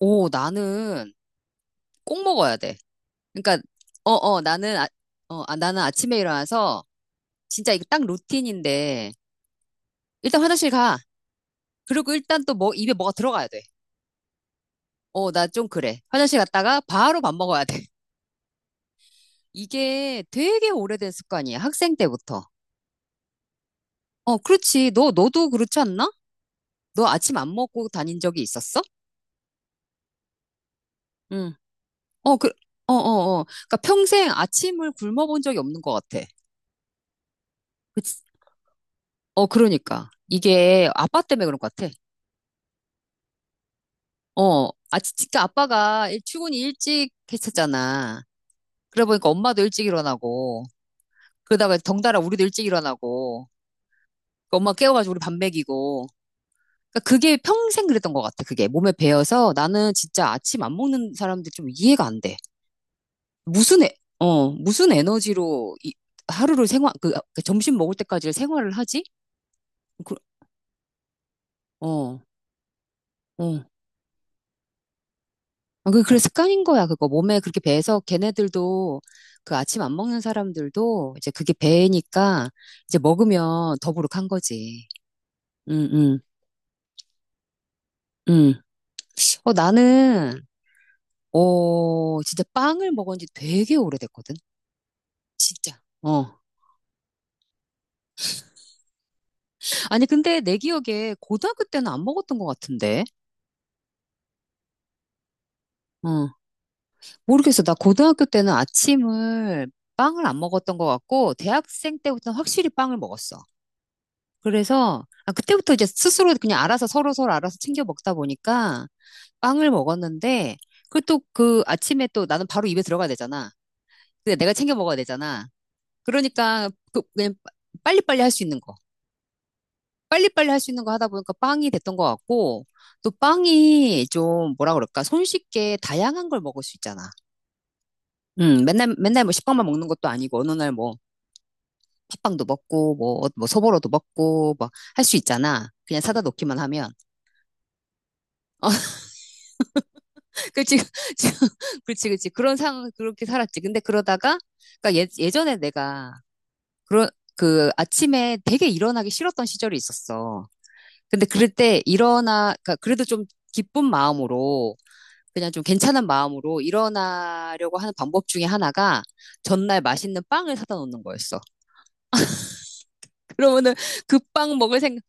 오, 나는 꼭 먹어야 돼. 그러니까, 어, 어, 나는, 아, 어, 아, 나는 아침에 일어나서 진짜 이거 딱 루틴인데, 일단 화장실 가. 그리고 일단 또 뭐, 입에 뭐가 들어가야 돼. 나 좀 그래. 화장실 갔다가 바로 밥 먹어야 돼. 이게 되게 오래된 습관이야. 학생 때부터. 어, 그렇지. 너도 그렇지 않나? 너 아침 안 먹고 다닌 적이 있었어? 응. 어, 그, 어, 어, 어. 그러니까 평생 아침을 굶어본 적이 없는 것 같아. 그치? 어, 그러니까. 이게 아빠 때문에 그런 것 같아. 진짜 아빠가 출근이 일찍 했었잖아. 그러다 보니까 엄마도 일찍 일어나고, 그러다가 덩달아 우리도 일찍 일어나고, 그 엄마 깨워가지고 우리 밥 먹이고. 그러니까 그게 평생 그랬던 것 같아, 그게. 몸에 배어서 나는 진짜 아침 안 먹는 사람들 좀 이해가 안 돼. 무슨 에너지로 하루를 생활, 그 점심 먹을 때까지 생활을 하지? 그, 어, 어. 그래, 습관인 거야, 그거. 몸에 그렇게 배서 걔네들도 그 아침 안 먹는 사람들도 이제 그게 배니까 이제 먹으면 더부룩한 거지. 응, 응, 응. 나는, 진짜 빵을 먹은 지 되게 오래됐거든. 진짜. 어. 아니, 근데 내 기억에 고등학교 때는 안 먹었던 것 같은데. 어. 모르겠어. 나 고등학교 때는 아침을 빵을 안 먹었던 것 같고, 대학생 때부터는 확실히 빵을 먹었어. 그래서 그때부터 이제 스스로 그냥 알아서 서로 서로 알아서 챙겨 먹다 보니까 빵을 먹었는데 그또그 아침에 또 나는 바로 입에 들어가야 되잖아. 근데 내가 챙겨 먹어야 되잖아. 그러니까 그 그냥 빨리빨리 할 수 있는 거. 빨리빨리 할 수 있는 거 하다 보니까 빵이 됐던 것 같고 또 빵이 좀 뭐라 그럴까? 손쉽게 다양한 걸 먹을 수 있잖아. 맨날 맨날 뭐 식빵만 먹는 것도 아니고 어느 날 뭐 팥빵도 먹고 뭐 뭐 소보로도 먹고 뭐 할 수 있잖아. 그냥 사다 놓기만 하면. 어, 그렇지, 그렇지, 그렇지. 그런 상황, 그렇게 살았지. 근데 그러다가, 그러니까 예전에 내가, 그런, 그 아침에 되게 일어나기 싫었던 시절이 있었어. 근데 그럴 때 일어나, 그러니까 그래도 좀 기쁜 마음으로, 그냥 좀 괜찮은 마음으로 일어나려고 하는 방법 중에 하나가 전날 맛있는 빵을 사다 놓는 거였어. 그러면은 그 빵 먹을 생각,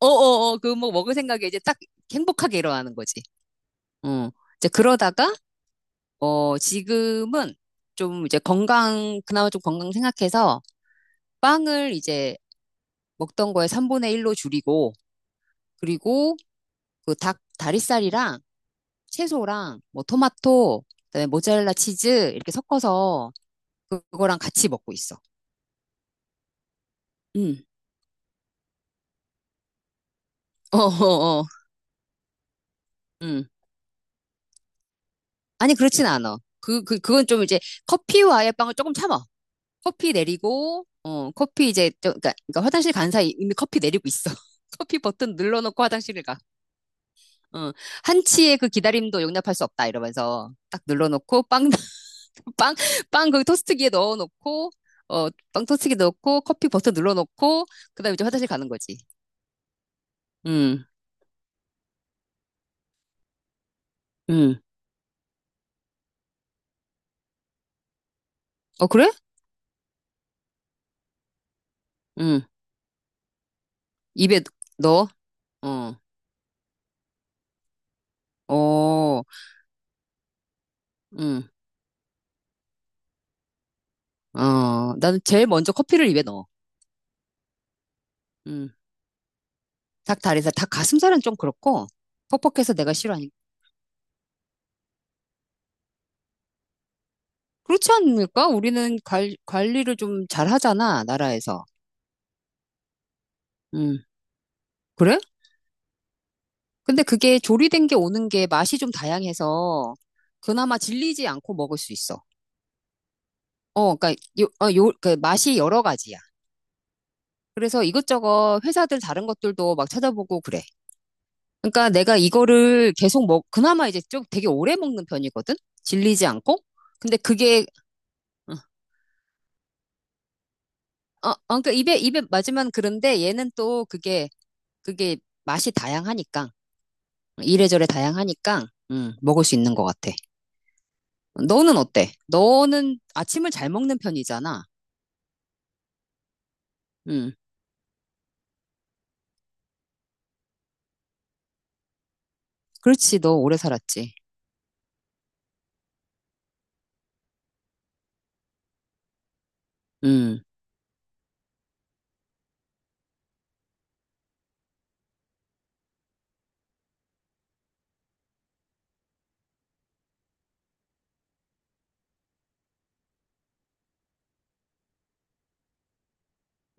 그 뭐 먹을 생각에 이제 딱 행복하게 일어나는 거지. 어. 이제 그러다가, 지금은 좀 이제 그나마 좀 건강 생각해서 빵을 이제 먹던 거에 3분의 1로 줄이고, 그리고 그 다리살이랑 채소랑 뭐 토마토, 그다음에 모짜렐라 치즈 이렇게 섞어서 그거랑 같이 먹고 있어. 음. 어, 어, 어. 음. 아니, 그렇진 않아. 그건 좀 이제 커피와의 빵을 조금 참아. 커피 내리고, 커피 이제, 그러니까 화장실 간 사이 이미 커피 내리고 있어. 커피 버튼 눌러놓고 화장실을 가. 어, 한치의 그 기다림도 용납할 수 없다 이러면서 딱 눌러놓고 빵, 빵, 빵 거기 토스트기에 넣어놓고 빵 토스트기에 넣고 커피 버튼 눌러놓고 그다음에 이제 화장실 가는 거지. 음, 음. 어 그래? 음. 입에 넣어? 어, 어, 음. 나는 제일 먼저 커피를 입에 넣어. 음. 닭다리살, 닭가슴살은 좀 그렇고 퍽퍽해서 내가 싫어하니까. 그렇지 않을까? 우리는 관리를 좀 잘하잖아, 나라에서. 음. 그래? 근데 그게 조리된 게 오는 게 맛이 좀 다양해서 그나마 질리지 않고 먹을 수 있어. 그러니까 그 맛이 여러 가지야. 그래서 이것저것 회사들 다른 것들도 막 찾아보고 그래. 그러니까 내가 이거를 계속 그나마 이제 좀 되게 오래 먹는 편이거든? 질리지 않고? 근데 그게, 응. 그러니까 입에 맞으면 그런데 얘는 또 그게, 그게 맛이 다양하니까. 이래저래 다양하니까, 먹을 수 있는 것 같아. 너는 어때? 너는 아침을 잘 먹는 편이잖아. 음. 그렇지. 너 오래 살았지. 음.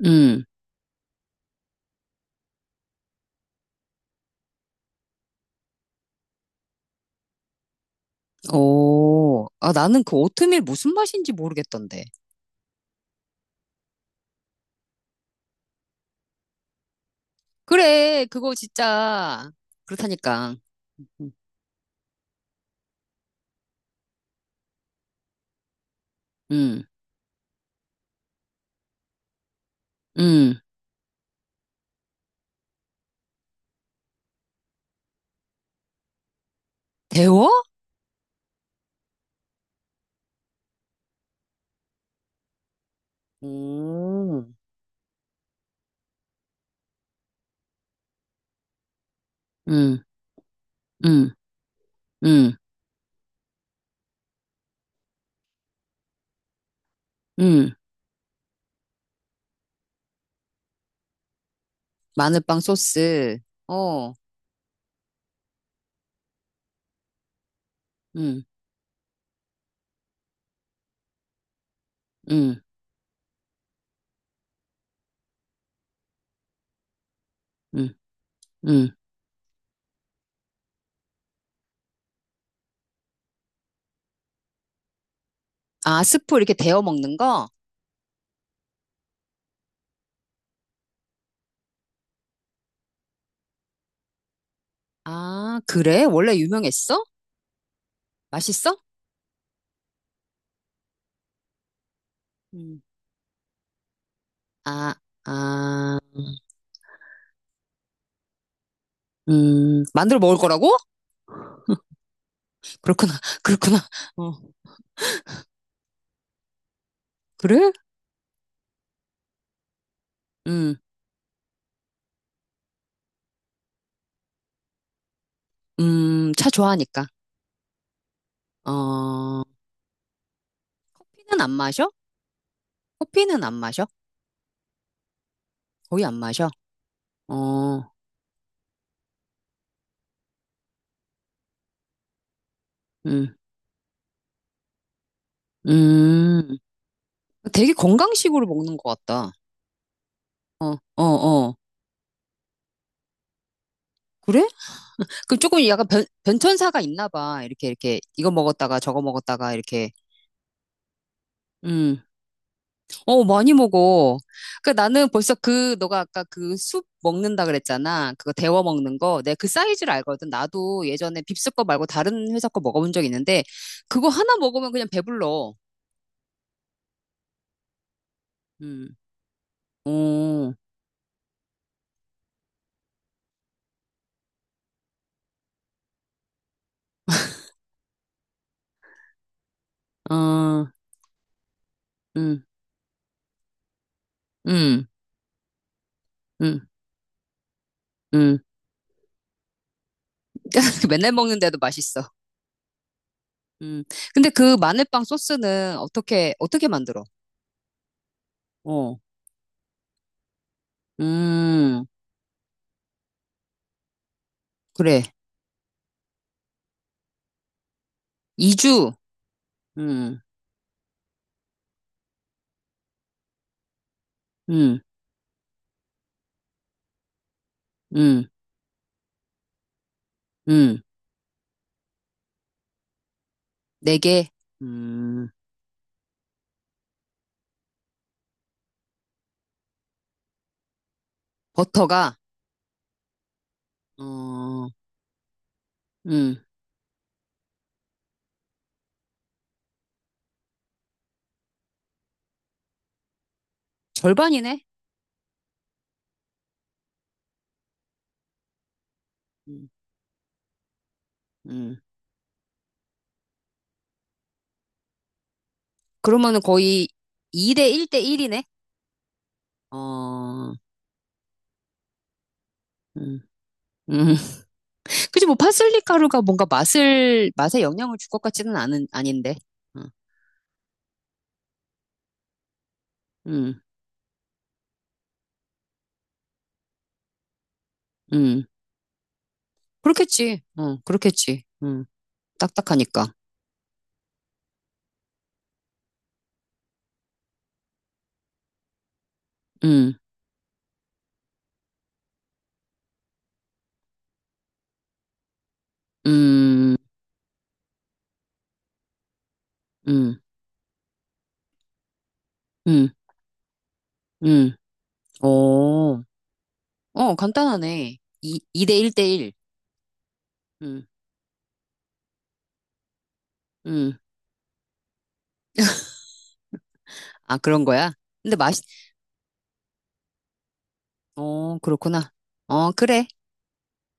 음. 오. 아, 나는 그 오트밀 무슨 맛인지 모르겠던데. 그래. 그거 진짜. 그렇다니까. 음. 음. 데워? 오. 음. 음. 음. 음. 마늘빵 소스. 어. 음. 음. 음. 음. 아, 스프 이렇게 데워 먹는 거? 아, 그래? 원래 유명했어? 맛있어? 음. 아, 아. 만들어 먹을 거라고? 그렇구나, 그렇구나. 어, 그래? 음, 차 좋아하니까. 어, 커피는 안 마셔? 커피는 안 마셔? 거의 안 마셔? 어, 음, 음. 되게 건강식으로 먹는 것 같다. 어, 어. 그래? 그럼 조금 약간 변천사가 있나 봐. 이거 먹었다가 저거 먹었다가 이렇게. 음. 어, 많이 먹어. 그러니까 나는 벌써 너가 아까 그 숲 먹는다 그랬잖아. 그거 데워 먹는 거. 내가 그 사이즈를 알거든. 나도 예전에 빕스 거 말고 다른 회사 거 먹어본 적 있는데, 그거 하나 먹으면 그냥 배불러. 음, 오, 어, 아. 음, 음, 음, 음. 맨날 먹는데도 맛있어. 음. 근데 그 마늘빵 소스는 어떻게 만들어? 어, 음, 그래. 이주 음, 음, 음, 음. 네 개. 음. 버터가, 어, 음, 절반이네? 음, 음. 그러면은 거의 2대 1대 1이네? 어, 음, 음. 그치, 뭐, 파슬리 가루가 뭔가 맛에 영향을 줄 것 같지는 아닌데. 어, 음, 음. 그렇겠지. 어, 그렇겠지. 딱딱하니까. 음, 음, 음, 음, 음. 오, 어, 간단하네. 2, 이대 1대 1. 음, 음. 아, 그런 거야? 근데 맛이 어, 그렇구나. 어, 그래.